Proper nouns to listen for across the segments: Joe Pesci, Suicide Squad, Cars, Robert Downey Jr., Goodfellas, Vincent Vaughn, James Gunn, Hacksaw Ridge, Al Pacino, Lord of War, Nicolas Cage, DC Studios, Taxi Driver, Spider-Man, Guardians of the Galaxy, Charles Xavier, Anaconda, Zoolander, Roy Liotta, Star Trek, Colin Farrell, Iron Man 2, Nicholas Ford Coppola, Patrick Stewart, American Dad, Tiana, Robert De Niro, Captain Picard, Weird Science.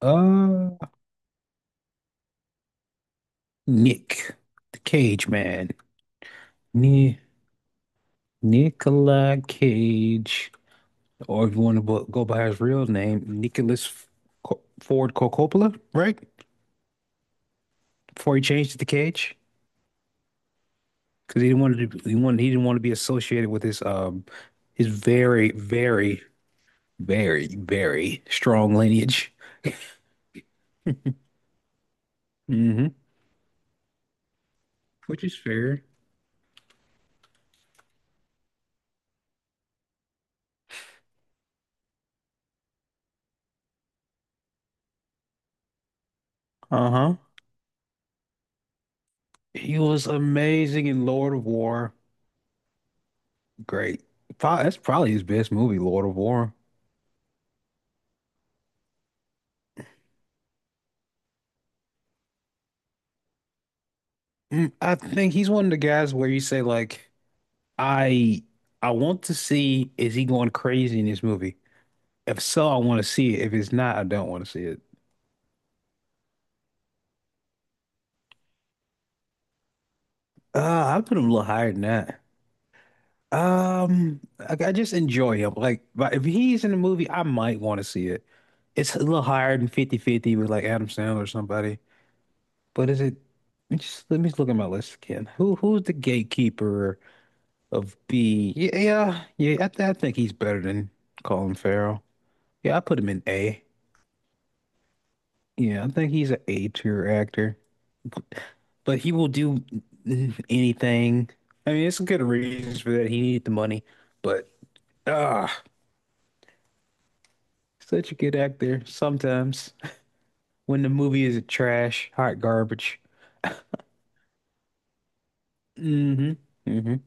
Uh, Nick, the Cage Man, Ni Nicolas Cage, or if you want to go by his real name, Nicholas Ford Coppola, right? Before he changed it to Cage, because he didn't want to be associated with his very, very, very, very strong lineage. hmm Which is fair. Uh-huh. He was amazing in Lord of War. Great. That's probably his best movie, Lord of War. I think he's one of the guys where you say like, I I want to see, is he going crazy in this movie? If so, I want to see it. If it's not, I don't want to see it. Uh, I put him a little higher than that. I just enjoy him. Like, but if he's in the movie, I might want to see it. It's a little higher than 50/50 with like Adam Sandler or somebody. But is it? Let me just look at my list again. Who's the gatekeeper of B? Yeah, yeah, yeah. I think he's better than Colin Farrell. Yeah, I put him in A. Yeah, I think he's an A tier actor, but he will do anything. I mean, it's good reasons for that. He needed the money, but ah, such a good actor sometimes when the movie is trash, hot garbage. Hmm, hmm,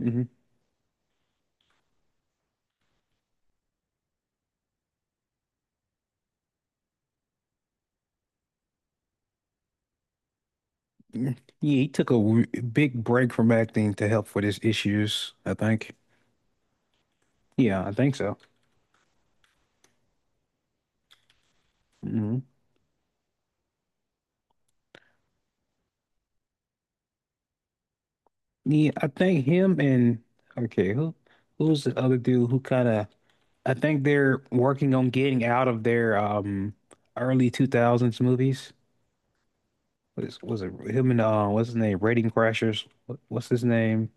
hmm. Yeah, he took a big break from acting to help with his issues, I think. Yeah, I think so. Hmm. Yeah, I think him and, okay, who's the other dude who kind of, I think they're working on getting out of their early 2000s movies. Was it him and what's his name? Rating Crashers. What's his name?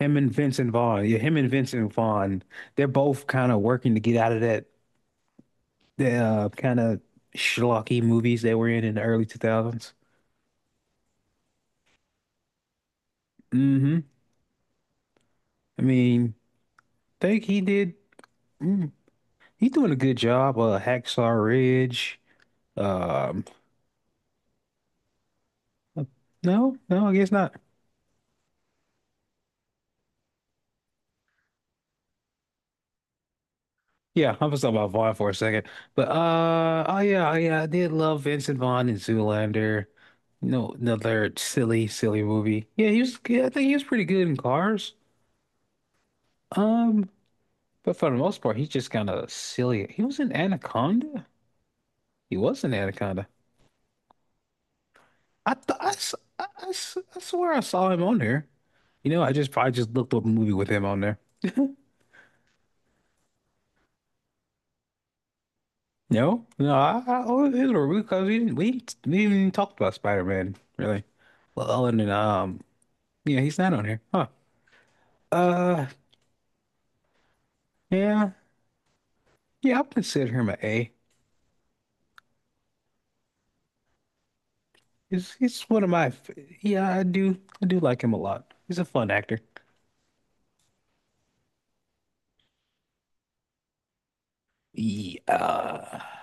Him and Vincent Vaughn. Yeah, him and Vincent Vaughn. They're both kind of working to get out of that the kind of schlocky movies they were in the early 2000s. Mm-hmm. I mean, think he did, mm, he's doing a good job. Hacksaw Ridge. Um no, no, I guess not. Yeah, I was talking about Vaughn for a second, but oh yeah, oh yeah, I did love Vincent Vaughn in Zoolander. You know, another silly, silly movie. Yeah, he was. Yeah, I think he was pretty good in Cars. Um, but for the most part, he's just kind of silly. He was in Anaconda. He was in Anaconda. I, th I s- I swear I saw him on there. You know, I just probably just looked up a movie with him on there. No, no, I oh, it was because we didn't even talk about Spider-Man really. Well, other than yeah, he's not on here. Huh. Uh, yeah, yeah. I'll consider him an A. He's one of my. Yeah, I do like him a lot. He's a fun actor. Yeah.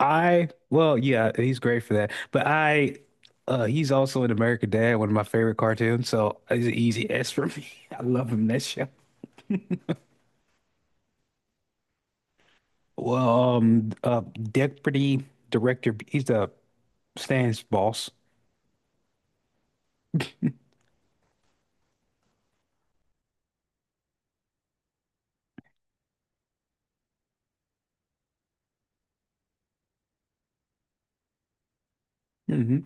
I Well, yeah, he's great for that. But he's also in American Dad, one of my favorite cartoons. So it's an easy S for me. I love him in that show. Well, Deputy Director. He's the Stan's boss. hmm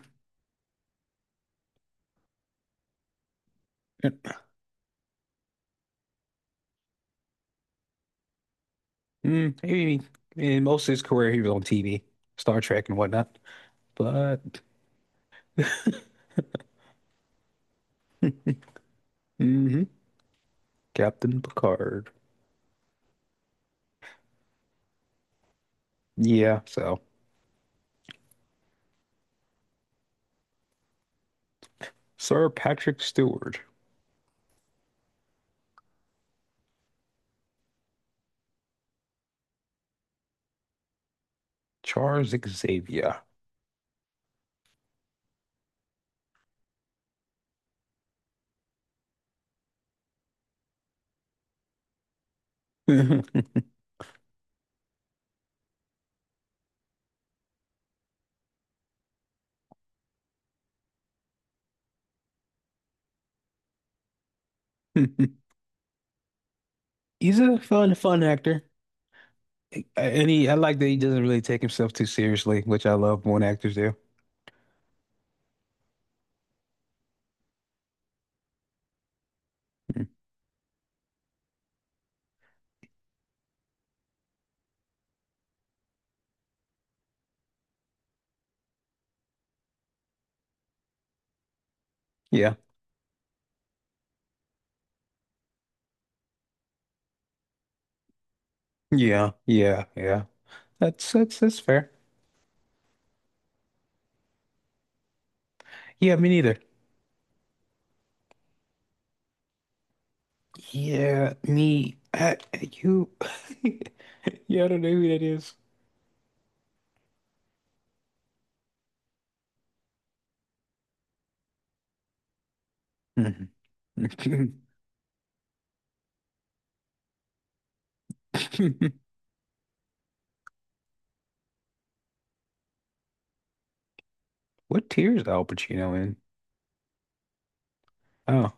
maybe in most of his career, he was on TV, Star Trek and whatnot. But, mhm, Captain Picard. Yeah, so Sir Patrick Stewart, Charles Xavier. He's a fun, fun actor. And I like that he doesn't really take himself too seriously, which I love when actors do. Mm, yeah, yeah, yeah, yeah. That's fair. Yeah, me neither. Yeah, me. You. Yeah, I don't know who that is. Mm-hmm. What tier is Al Pacino in? Oh,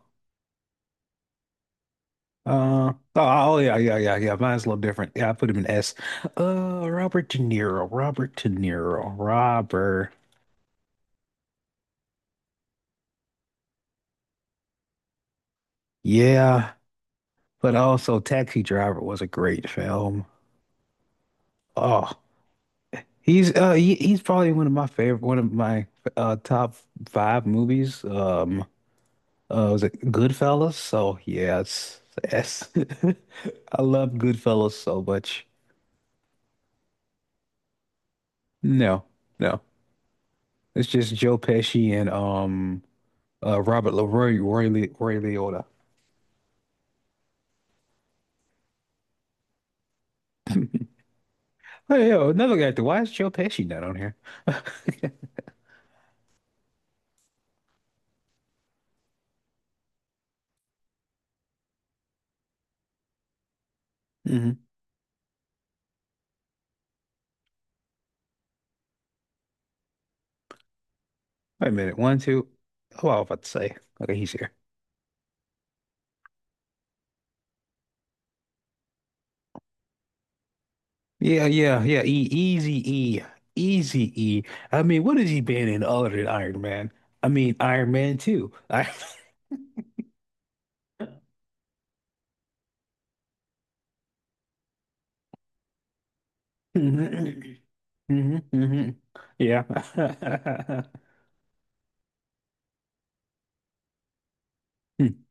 oh, oh, yeah, yeah, yeah, yeah. Mine's a little different. Yeah, I put him in S. Robert De Niro, Robert De Niro, Robert. Yeah, but also Taxi Driver was a great film. Oh, he's probably one of my favorite, one of my top five movies. Was it Goodfellas? So yeah, it's S. I love Goodfellas so much. No, no. It's just Joe Pesci and Robert LaRoy Roy Le, Roy Liotta. Hey, yo, another guy. Why is Joe Pesci not on here? hmm Wait a minute. One, two. Oh, I was about to say. Okay, he's here. Yeah, yeah, yeah. E easy E. Easy E. I mean, what has he been in other than Iron Man? I mean, Iron Man 2. I Hmm, hmm, hmm. Yeah. Hmm.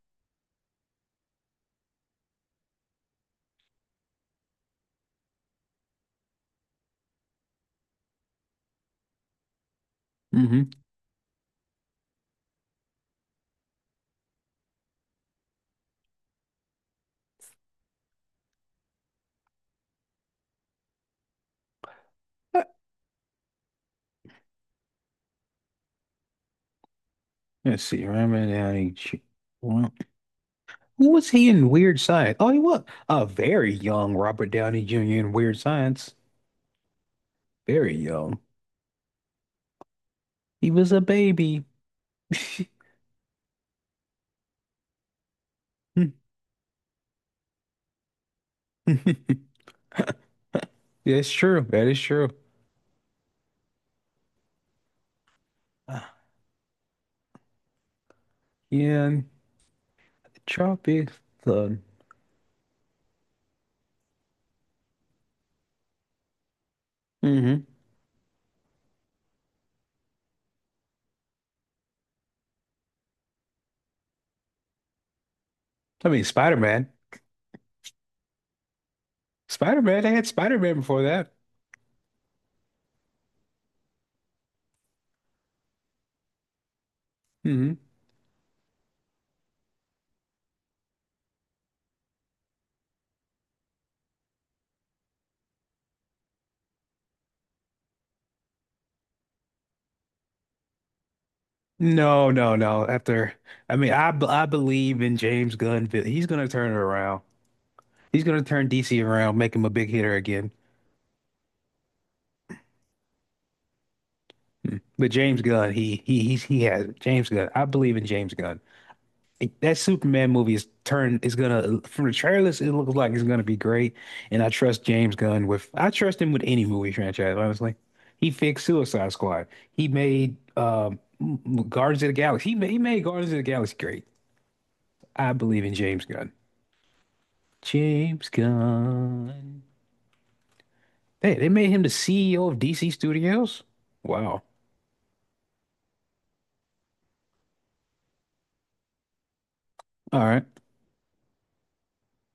Mm-hmm. Let's see. Iron Man. Who was he in Weird Science? Oh, he was a very young Robert Downey Jr. in Weird Science. Very young. He was a baby. That's true. That is true. Uh, Yeah, and Trump is the. hmm I mean, Spider-Man. Spider-Man. They had Spider-Man before that. Hmm. No, no, no. After, I mean, I believe in James Gunn. He's gonna turn it around. He's gonna turn DC around, make him a big hitter again. But James Gunn, he has it. James Gunn. I believe in James Gunn. That Superman movie is turned is gonna from the trailers, it looks like it's gonna be great. And I trust James Gunn with, I trust him with any movie franchise, honestly. He fixed Suicide Squad. He made Guardians of the Galaxy. He made Guardians of the Galaxy great. I believe in James Gunn. James Gunn. Hey, they made him the CEO of DC Studios. Wow. All right.